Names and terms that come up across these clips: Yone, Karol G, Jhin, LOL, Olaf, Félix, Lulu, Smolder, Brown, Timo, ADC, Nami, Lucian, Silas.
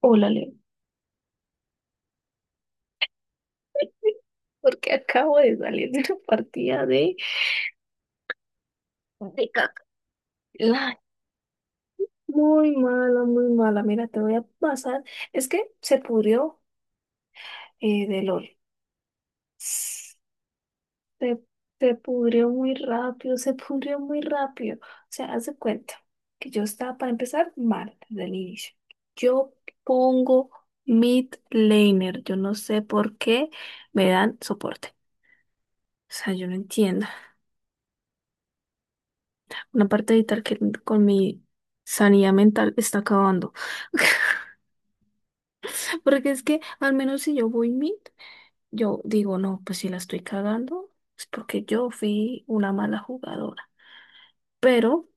Hola, Leo. Porque acabo de salir de una partida de caca. La- Muy mala, muy mala. Mira, te voy a pasar. Es que se pudrió de LOL. Se, se pudrió muy rápido, se pudrió muy rápido. O sea, haz de cuenta que yo estaba, para empezar, mal desde el inicio. Yo pongo mid laner. Yo no sé por qué me dan soporte. O sea, yo no entiendo. Una parte de vital que con mi sanidad mental está acabando. Porque es que al menos si yo voy mid, yo digo, no, pues si la estoy cagando, es porque yo fui una mala jugadora. Pero,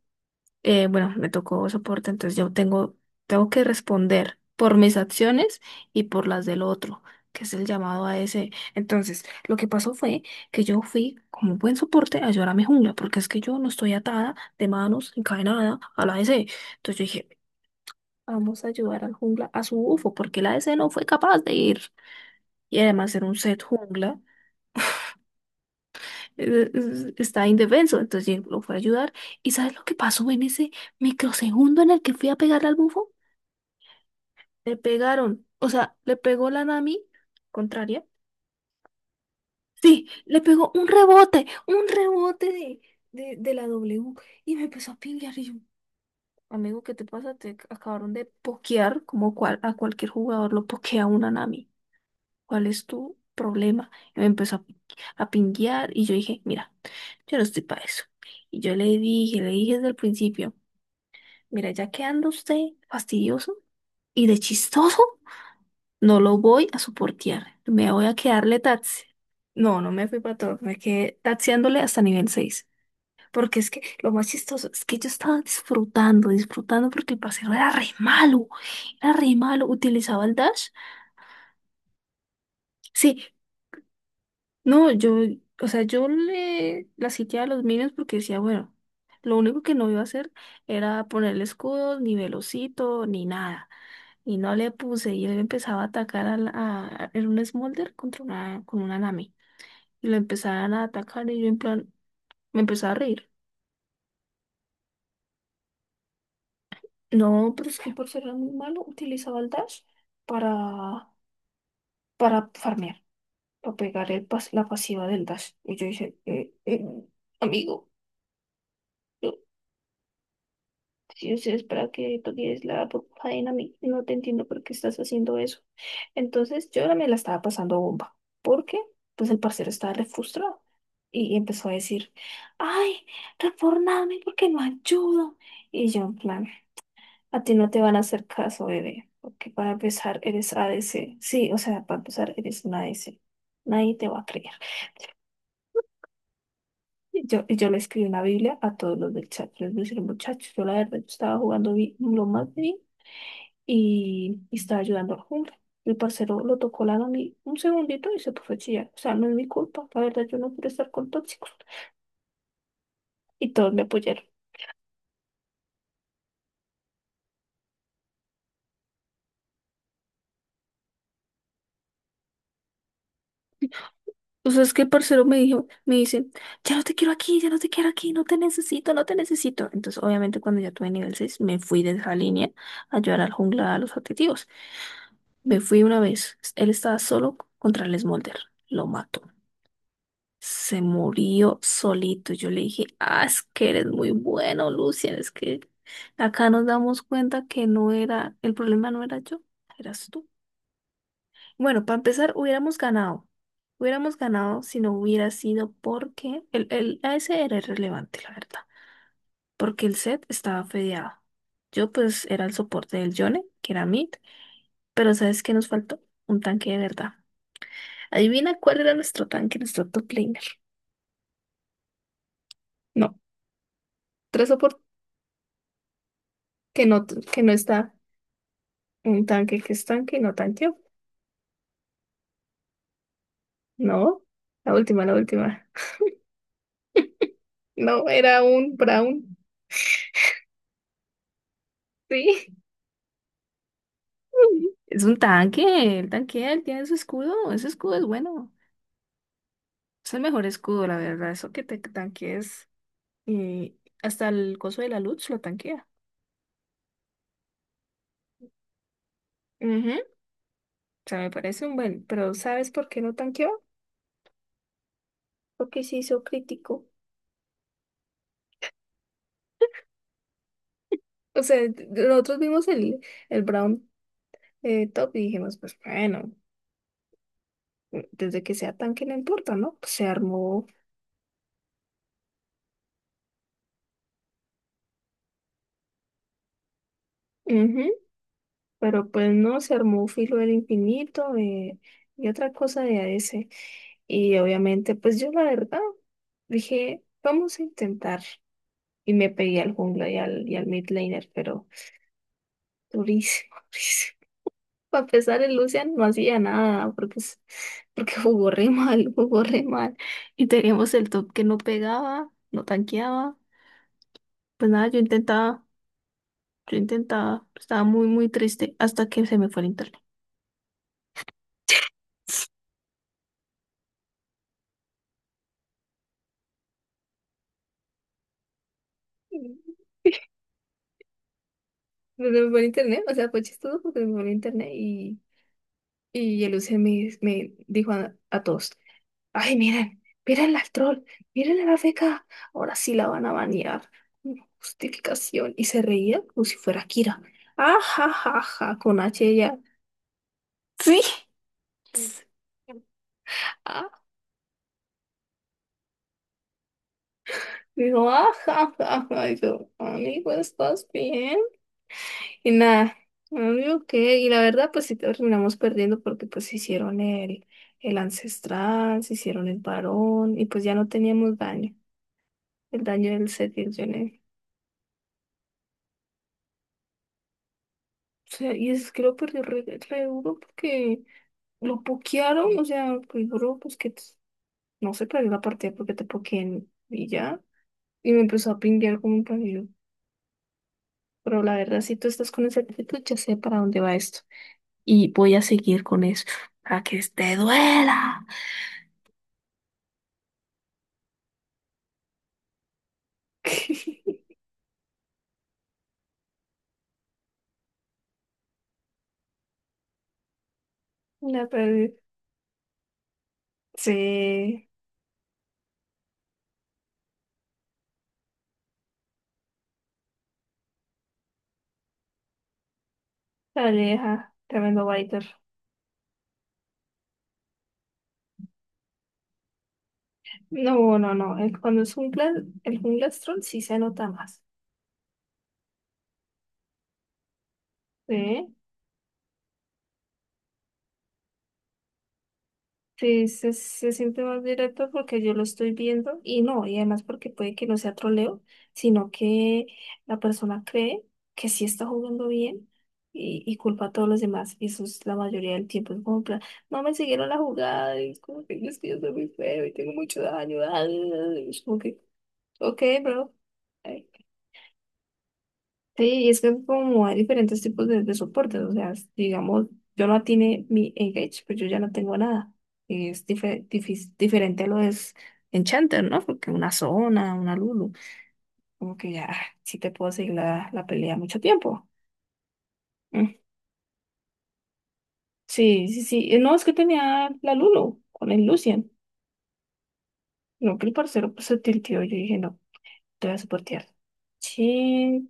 bueno, me tocó soporte. Entonces yo tengo que responder por mis acciones y por las del otro, que es el llamado a ese. Entonces, lo que pasó fue que yo fui como buen soporte a ayudar a mi jungla, porque es que yo no estoy atada de manos, encadenada a la ADC. Entonces yo dije, vamos a ayudar al jungla, a su bufo, porque la ADC no fue capaz de ir. Y además era un set jungla, está indefenso, entonces Jhin lo fue a ayudar. ¿Y sabes lo que pasó en ese microsegundo en el que fui a pegarle al bufo? Le pegaron, o sea, le pegó la Nami contraria. Sí, le pegó un rebote de la W. Y me empezó a pinguear y yo, amigo, ¿qué te pasa? Te acabaron de pokear, como cual, a cualquier jugador lo pokea una Nami. ¿Cuál es tu problema? Y me empezó a pinguear y yo dije, mira, yo no estoy para eso. Y yo le dije desde el principio, mira, ya que anda usted fastidioso y de chistoso, no lo voy a soportar. Me voy a quedarle taxi. No, no me fui para todo, me quedé taxiándole hasta nivel 6. Porque es que lo más chistoso es que yo estaba disfrutando, disfrutando porque el paseo era re malo, era re malo. Utilizaba el dash. Sí. No, yo, o sea, yo le la sitiaba a los minions porque decía, bueno, lo único que no iba a hacer era ponerle escudos, ni velocito, ni nada. Y no le puse, y él empezaba a atacar era un Smolder contra una Nami. Y lo empezaban a atacar y yo en plan, me empezaba a reír. No, pero es que por ser muy malo, utilizaba el dash para, para farmear, para pegar la pasiva del dash. Y yo dije, amigo. Sí, o sea, es para que toques la faena a mí. No te entiendo por qué estás haciendo eso. Entonces, yo ahora me la estaba pasando bomba. Porque, pues, el parcero estaba re frustrado. Y empezó a decir, ay, reformame porque no ayudo. Y yo, en plan, a ti no te van a hacer caso, bebé. Porque para empezar, eres a ADC. Sí, o sea, para empezar, eres una ADC. Nadie te va a creer. Yo le escribí una Biblia a todos los del chat. Yo les dije, muchachos, yo la verdad yo estaba jugando lo más bien, y estaba ayudando al jungla. El parcero lo tocó la mí un segundito y se puso a chillar. O sea, no es mi culpa. La verdad, yo no quiero estar con tóxicos. Y todos me apoyaron. O sea, es que el parcero me dijo, me dice, ya no te quiero aquí, ya no te quiero aquí, no te necesito, no te necesito. Entonces, obviamente, cuando ya tuve nivel 6 me fui de esa línea a ayudar al jungla a los objetivos. Me fui una vez, él estaba solo contra el Smolder, lo mató. Se murió solito. Yo le dije, ah, es que eres muy bueno, Lucian, es que acá nos damos cuenta que no era, el problema no era yo, eras tú. Bueno, para empezar, hubiéramos ganado. Hubiéramos ganado si no hubiera sido porque el ese era irrelevante, la verdad. Porque el set estaba fedeado. Yo pues era el soporte del Yone, que era mid, pero ¿sabes qué nos faltó? Un tanque de verdad. Adivina cuál era nuestro tanque, nuestro top laner. No, tres soportes que no está un tanque que es tanque y no tanqueó. No, la última, la última. No, era un Brown. Sí. Es un tanque, el tanque, él tiene su escudo, ese escudo es bueno, es el mejor escudo, la verdad, eso que te tanques, y hasta el coso de la luz lo tanquea. Ujú. O sea, me parece un buen, pero ¿sabes por qué no tanqueó? Porque se hizo crítico. O sea, nosotros vimos el Brown, top y dijimos, pues bueno, desde que sea tanque no importa, ¿no? Pues se armó. Ujú. Pero pues no, se armó filo del infinito, y otra cosa de AS. Y obviamente, pues yo la verdad dije, vamos a intentar. Y me pegué al jungla y al mid laner, pero durísimo, durísimo. A pesar el Lucian no hacía nada, porque, porque jugó re mal, jugó re mal. Y teníamos el top que no pegaba, no tanqueaba. Pues nada, yo intentaba, yo intentaba. Estaba muy, muy triste hasta que se me fue el internet. Mm, Pues se me fue el internet, o sea, fue chistoso porque se me fue el internet y el Lucian me dijo a todos. Ay, miren, miren al troll, miren a la beca. Ahora sí la van a banear. Justificación. Y se reía como si fuera Kira. Ajajaja, con H ella. Sí. Sí. Ah, digo, ajajaja. Y yo, amigo, ¿estás bien? Y nada, amigo, ¿qué? Y la verdad, pues sí terminamos perdiendo porque pues se hicieron el ancestral, se hicieron el varón y pues ya no teníamos daño. El daño del set sea, y es que lo perdió re duro porque lo pokearon, o sea, el duro, pues que no se perdió la partida porque te pokeen y ya. Y me empezó a pinguear como un panillo. Pero la verdad, si tú estás con esa actitud, ya sé para dónde va esto. Y voy a seguir con eso. A que te duela. La perdí. Sí, la aleja. Tremendo biter. No, no, no. Cuando es un jungla, el jungla troll sí se nota más. ¿Sí? Sí, se siente más directo porque yo lo estoy viendo y no, y además porque puede que no sea troleo, sino que la persona cree que sí está jugando bien y culpa a todos los demás. Y eso es la mayoría del tiempo. Es como, en plan, no me siguieron la jugada, y es como que es que yo soy muy feo y tengo mucho daño. ah. Es como que, ok, bro. Sí, y es que como hay diferentes tipos de soportes, o sea, digamos, yo no tiene mi Engage, pues yo ya no tengo nada. Es diferente a lo de Enchanter, ¿no? Porque una zona, una Lulu, como que ya, ah, sí te puedo seguir la pelea mucho tiempo. Mm. Sí, sí, sí. No, es que tenía la Lulu con el Lucian. No, que el parcero pues, se tilteó. Yo dije, no, te voy a soportear. Sí,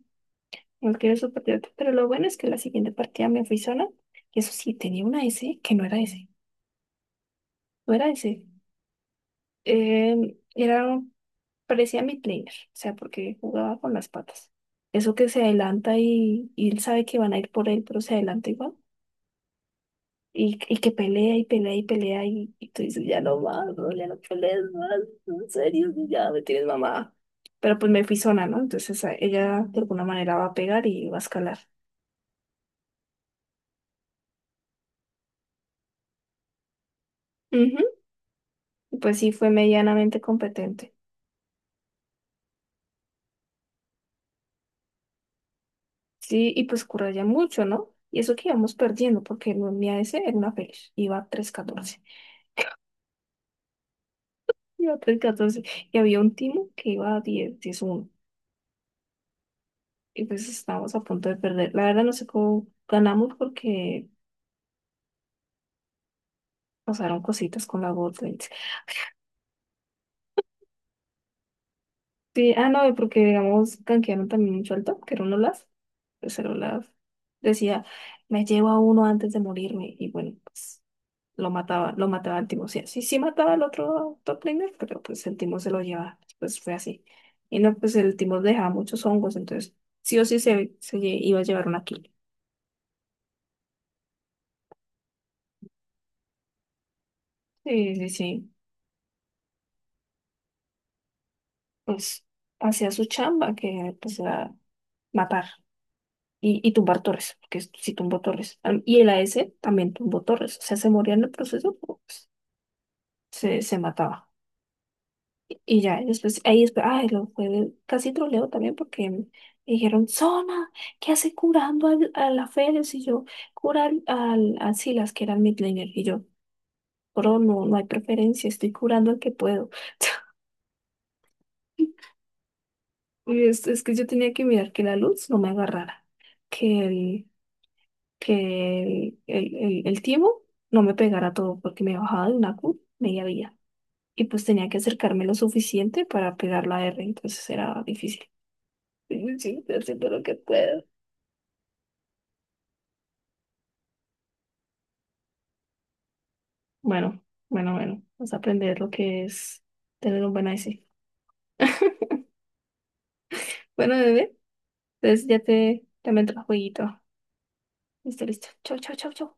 no quiero soportearte. Pero lo bueno es que la siguiente partida me fui sola. Y eso sí, tenía una S que no era S. No era ese. Era, parecía midlaner, o sea, porque jugaba con las patas. Eso que se adelanta y él sabe que van a ir por él, pero se adelanta igual. Y que pelea y pelea y pelea y tú dices, ya no más, no, ya no pelees más, en serio, ya me tienes mamá. Pero pues me fui zona, ¿no? Entonces ella de alguna manera va a pegar y va a escalar. Ujú. Y pues sí, fue medianamente competente. Sí, y pues ya mucho, ¿no? Y eso que íbamos perdiendo, porque el día ese era una feliz, iba 3-14 y había un timo que iba a 10-10-1 y pues estábamos a punto de perder. La verdad no sé cómo ganamos porque pasaron cositas con la bot lanes. Sí, ah, no, porque digamos, canquearon también mucho al top, que era un Olaf, pues el Olaf decía, me llevo a uno antes de morirme, y bueno, pues lo mataba, lo mataba al Timo. Sí, sí, sí mataba al otro top laner, pero pues el Timo se lo llevaba. Pues fue así. Y no, pues el Timo dejaba muchos hongos, entonces sí o sí se iba a llevar una kill. Sí, sí, sí. Pues hacía su chamba, que pues era matar y tumbar torres, porque sí tumbó torres. Y el a s también tumbó torres. O sea, se moría en el proceso, pero, pues se mataba. Y ya, y después, ahí después, ay, lo fue, casi troleo también porque me dijeron, Zona, ¿qué hace curando a la Félix? Y yo, curar a Silas, que era el midlaner. Y yo, bro, no, no hay preferencia, estoy curando al que puedo. Y es que yo tenía que mirar que la luz no me agarrara, que que el, el, el timo no me pegara todo, porque me bajaba de una Q media vía. Y pues tenía que acercarme lo suficiente para pegar la R, entonces era difícil. Sí, sí, estoy haciendo lo que puedo. Bueno, bueno, bueno, vas a aprender lo que es tener un buen IC. Bueno, bebé, entonces ya te, ya me el jueguito. Listo, listo. Chau, chau, chau, chau.